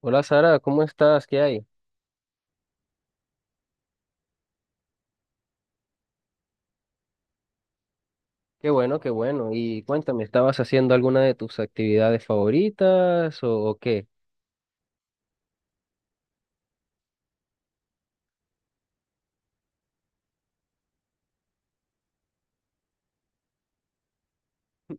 Hola Sara, ¿cómo estás? ¿Qué hay? Qué bueno, qué bueno. Y cuéntame, ¿estabas haciendo alguna de tus actividades favoritas o qué?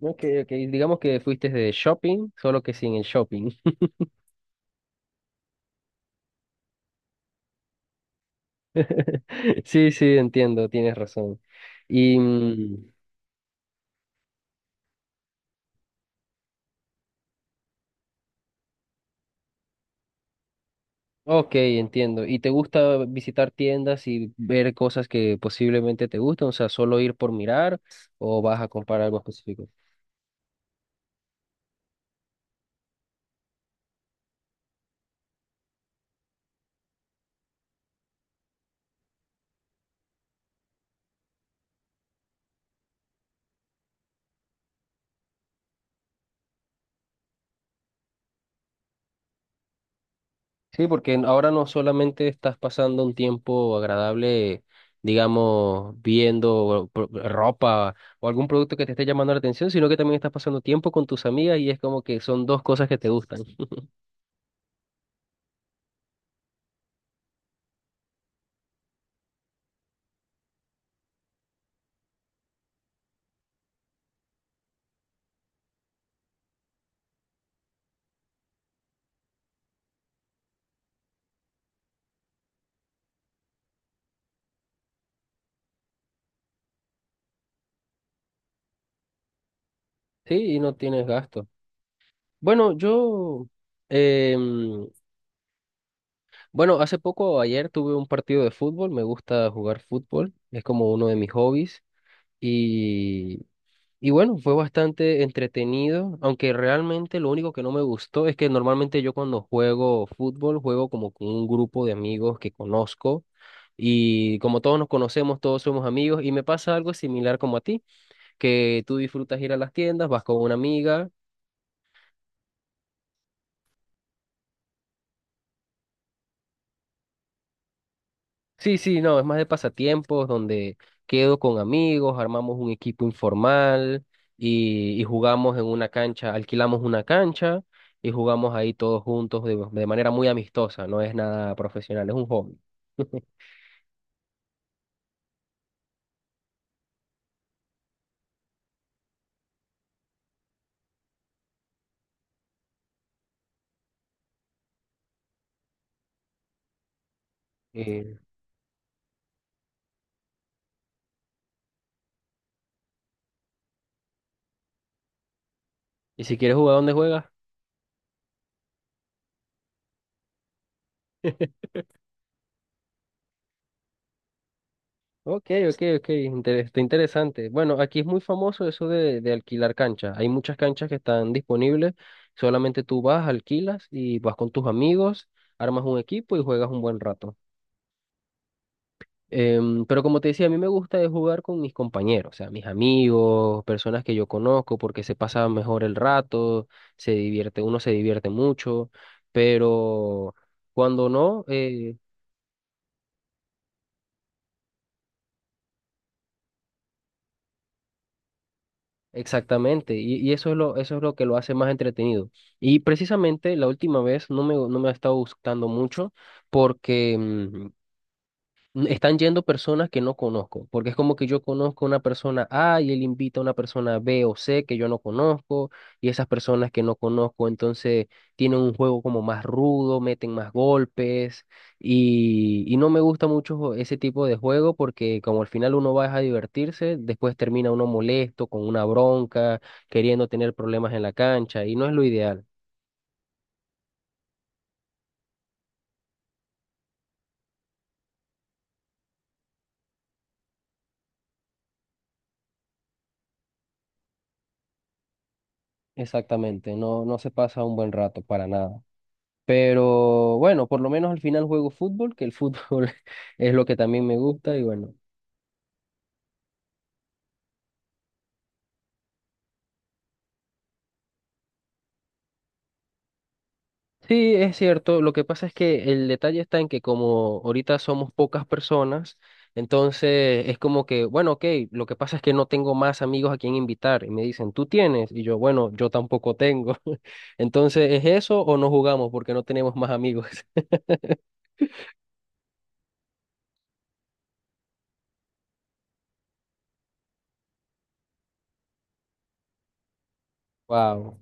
Ok, ok, digamos que fuiste de shopping, solo que sin el shopping. Sí, sí, entiendo, tienes razón. Y, mm, ok, entiendo. ¿Y te gusta visitar tiendas y ver cosas que posiblemente te gustan? O sea, ¿solo ir por mirar o vas a comprar algo específico? Sí, porque ahora no solamente estás pasando un tiempo agradable, digamos, viendo ropa o algún producto que te esté llamando la atención, sino que también estás pasando tiempo con tus amigas y es como que son dos cosas que te gustan. Sí, y no tienes gasto. Bueno, yo, em, bueno, hace poco, ayer tuve un partido de fútbol, me gusta jugar fútbol, es como uno de mis hobbies. Y bueno, fue bastante entretenido, aunque realmente lo único que no me gustó es que normalmente yo cuando juego fútbol juego como con un grupo de amigos que conozco, y como todos nos conocemos, todos somos amigos y me pasa algo similar como a ti, que tú disfrutas ir a las tiendas, vas con una amiga. Sí, sí, no, es más de pasatiempos donde quedo con amigos, armamos un equipo informal y jugamos en una cancha, alquilamos una cancha y jugamos ahí todos juntos de manera muy amistosa, no es nada profesional, es un hobby. Eh, y si quieres jugar, ¿dónde juegas? Ok, ok, ok, está interesante. Bueno, aquí es muy famoso eso de alquilar canchas. Hay muchas canchas que están disponibles, solamente tú vas, alquilas y vas con tus amigos, armas un equipo y juegas un buen rato. Em, pero como te decía, a mí me gusta de jugar con mis compañeros, o sea, mis amigos, personas que yo conozco, porque se pasa mejor el rato, se divierte, uno se divierte mucho, pero cuando no, exactamente, y eso es eso es lo que lo hace más entretenido. Y precisamente la última vez no no me ha estado gustando mucho porque están yendo personas que no conozco, porque es como que yo conozco a una persona A y él invita a una persona B o C que yo no conozco, y esas personas que no conozco entonces tienen un juego como más rudo, meten más golpes, y no me gusta mucho ese tipo de juego porque como al final uno va a divertirse, después termina uno molesto, con una bronca, queriendo tener problemas en la cancha, y no es lo ideal. Exactamente, no, no se pasa un buen rato para nada. Pero bueno, por lo menos al final juego fútbol, que el fútbol es lo que también me gusta y bueno. Sí, es cierto. Lo que pasa es que el detalle está en que como ahorita somos pocas personas, entonces es como que, bueno, ok, lo que pasa es que no tengo más amigos a quien invitar y me dicen, ¿tú tienes? Y yo, bueno, yo tampoco tengo. Entonces, ¿es eso o no jugamos porque no tenemos más amigos? Wow.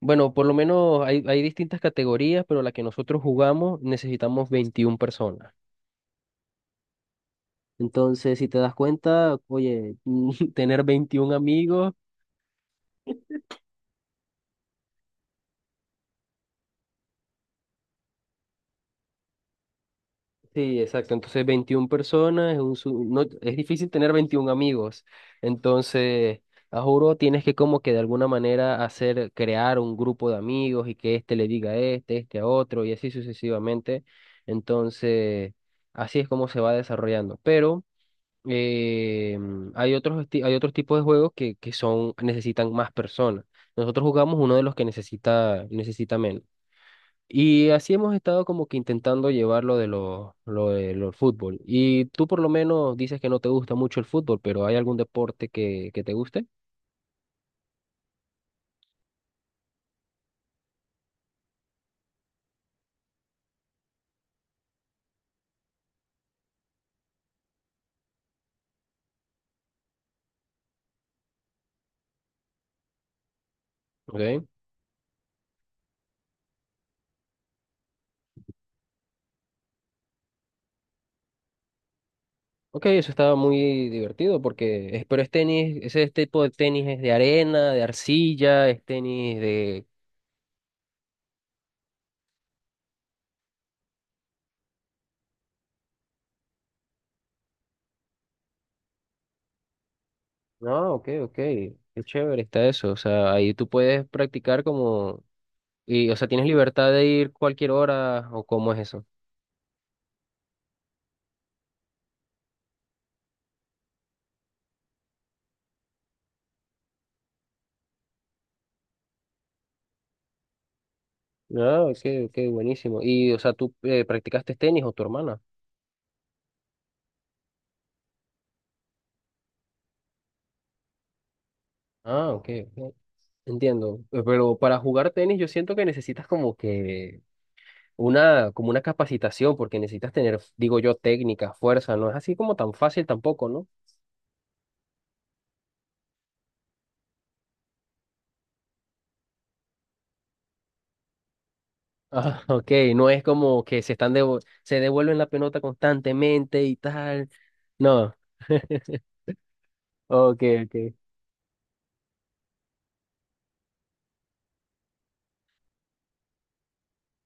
Bueno, por lo menos hay, hay distintas categorías, pero la que nosotros jugamos necesitamos 21 personas. Entonces, si te das cuenta, oye, tener 21 amigos, sí, exacto, entonces 21 personas, es, no, es difícil tener 21 amigos. Entonces, a juro, tienes que como que de alguna manera hacer, crear un grupo de amigos y que este le diga a este, este a otro y así sucesivamente. Entonces, así es como se va desarrollando. Pero... Eh, hay otros, hay otros tipos de juegos que son, necesitan más personas. Nosotros jugamos uno de los que necesita menos. Y así hemos estado como que intentando llevar lo de lo de los fútbol. Y tú por lo menos dices que no te gusta mucho el fútbol, pero ¿hay algún deporte que te guste? Okay. Ok, eso estaba muy divertido porque, pero es tenis, ese tipo de tenis es de arena, de arcilla, es tenis de... No, ok, ok. Qué chévere está eso. O sea, ahí tú puedes practicar como... Y, o sea, tienes libertad de ir cualquier hora o cómo es eso. No, ok, ok, buenísimo. Y, o sea, ¿tú practicaste tenis o tu hermana? Ah, ok, ok. Entiendo. Pero para jugar tenis yo siento que necesitas como que una, como una capacitación, porque necesitas tener, digo yo, técnica, fuerza. No es así como tan fácil tampoco, ¿no? Ah, ok, no es como que se están se devuelven la pelota constantemente y tal. No. Ok, ok.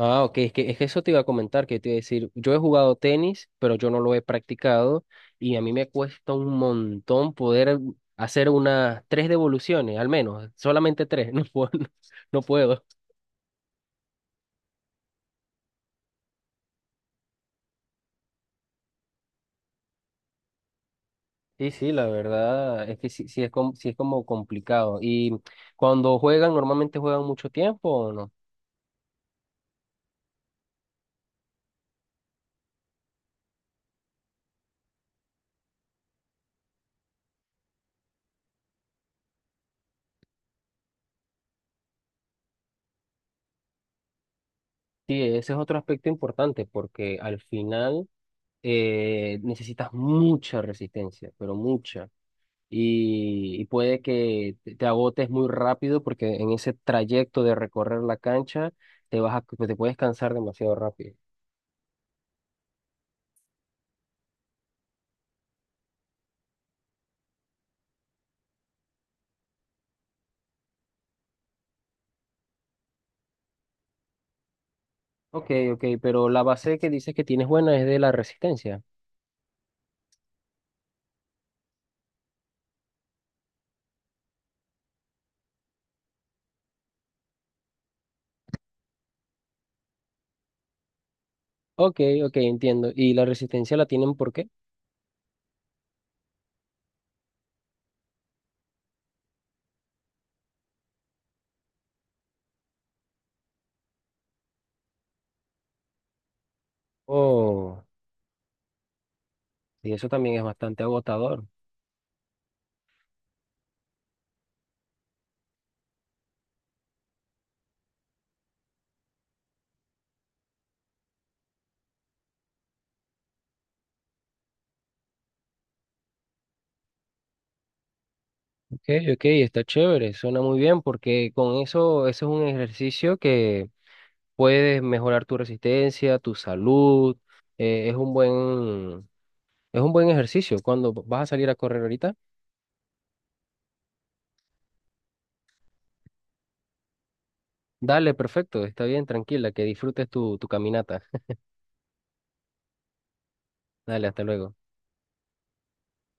Ah, ok, es que eso te iba a comentar, que te iba a decir, yo he jugado tenis, pero yo no lo he practicado y a mí me cuesta un montón poder hacer unas tres devoluciones, al menos, solamente tres, no puedo, no puedo. Sí, sí, la verdad es que sí, sí es como complicado. ¿Y cuando juegan, normalmente juegan mucho tiempo o no? Sí, ese es otro aspecto importante porque al final necesitas mucha resistencia, pero mucha. Y puede que te agotes muy rápido porque en ese trayecto de recorrer la cancha te vas a, pues, te puedes cansar demasiado rápido. Ok, ok, pero la base que dices que tienes buena es de la resistencia. Ok, ok, entiendo. ¿Y la resistencia la tienen por qué? Oh, y eso también es bastante agotador. Okay, ok, está chévere, suena muy bien porque con eso, eso es un ejercicio que puedes mejorar tu resistencia, tu salud, eh, es un buen, es un buen ejercicio. Cuando vas a salir a correr ahorita, dale, perfecto, está bien, tranquila, que disfrutes tu caminata. Dale, hasta luego.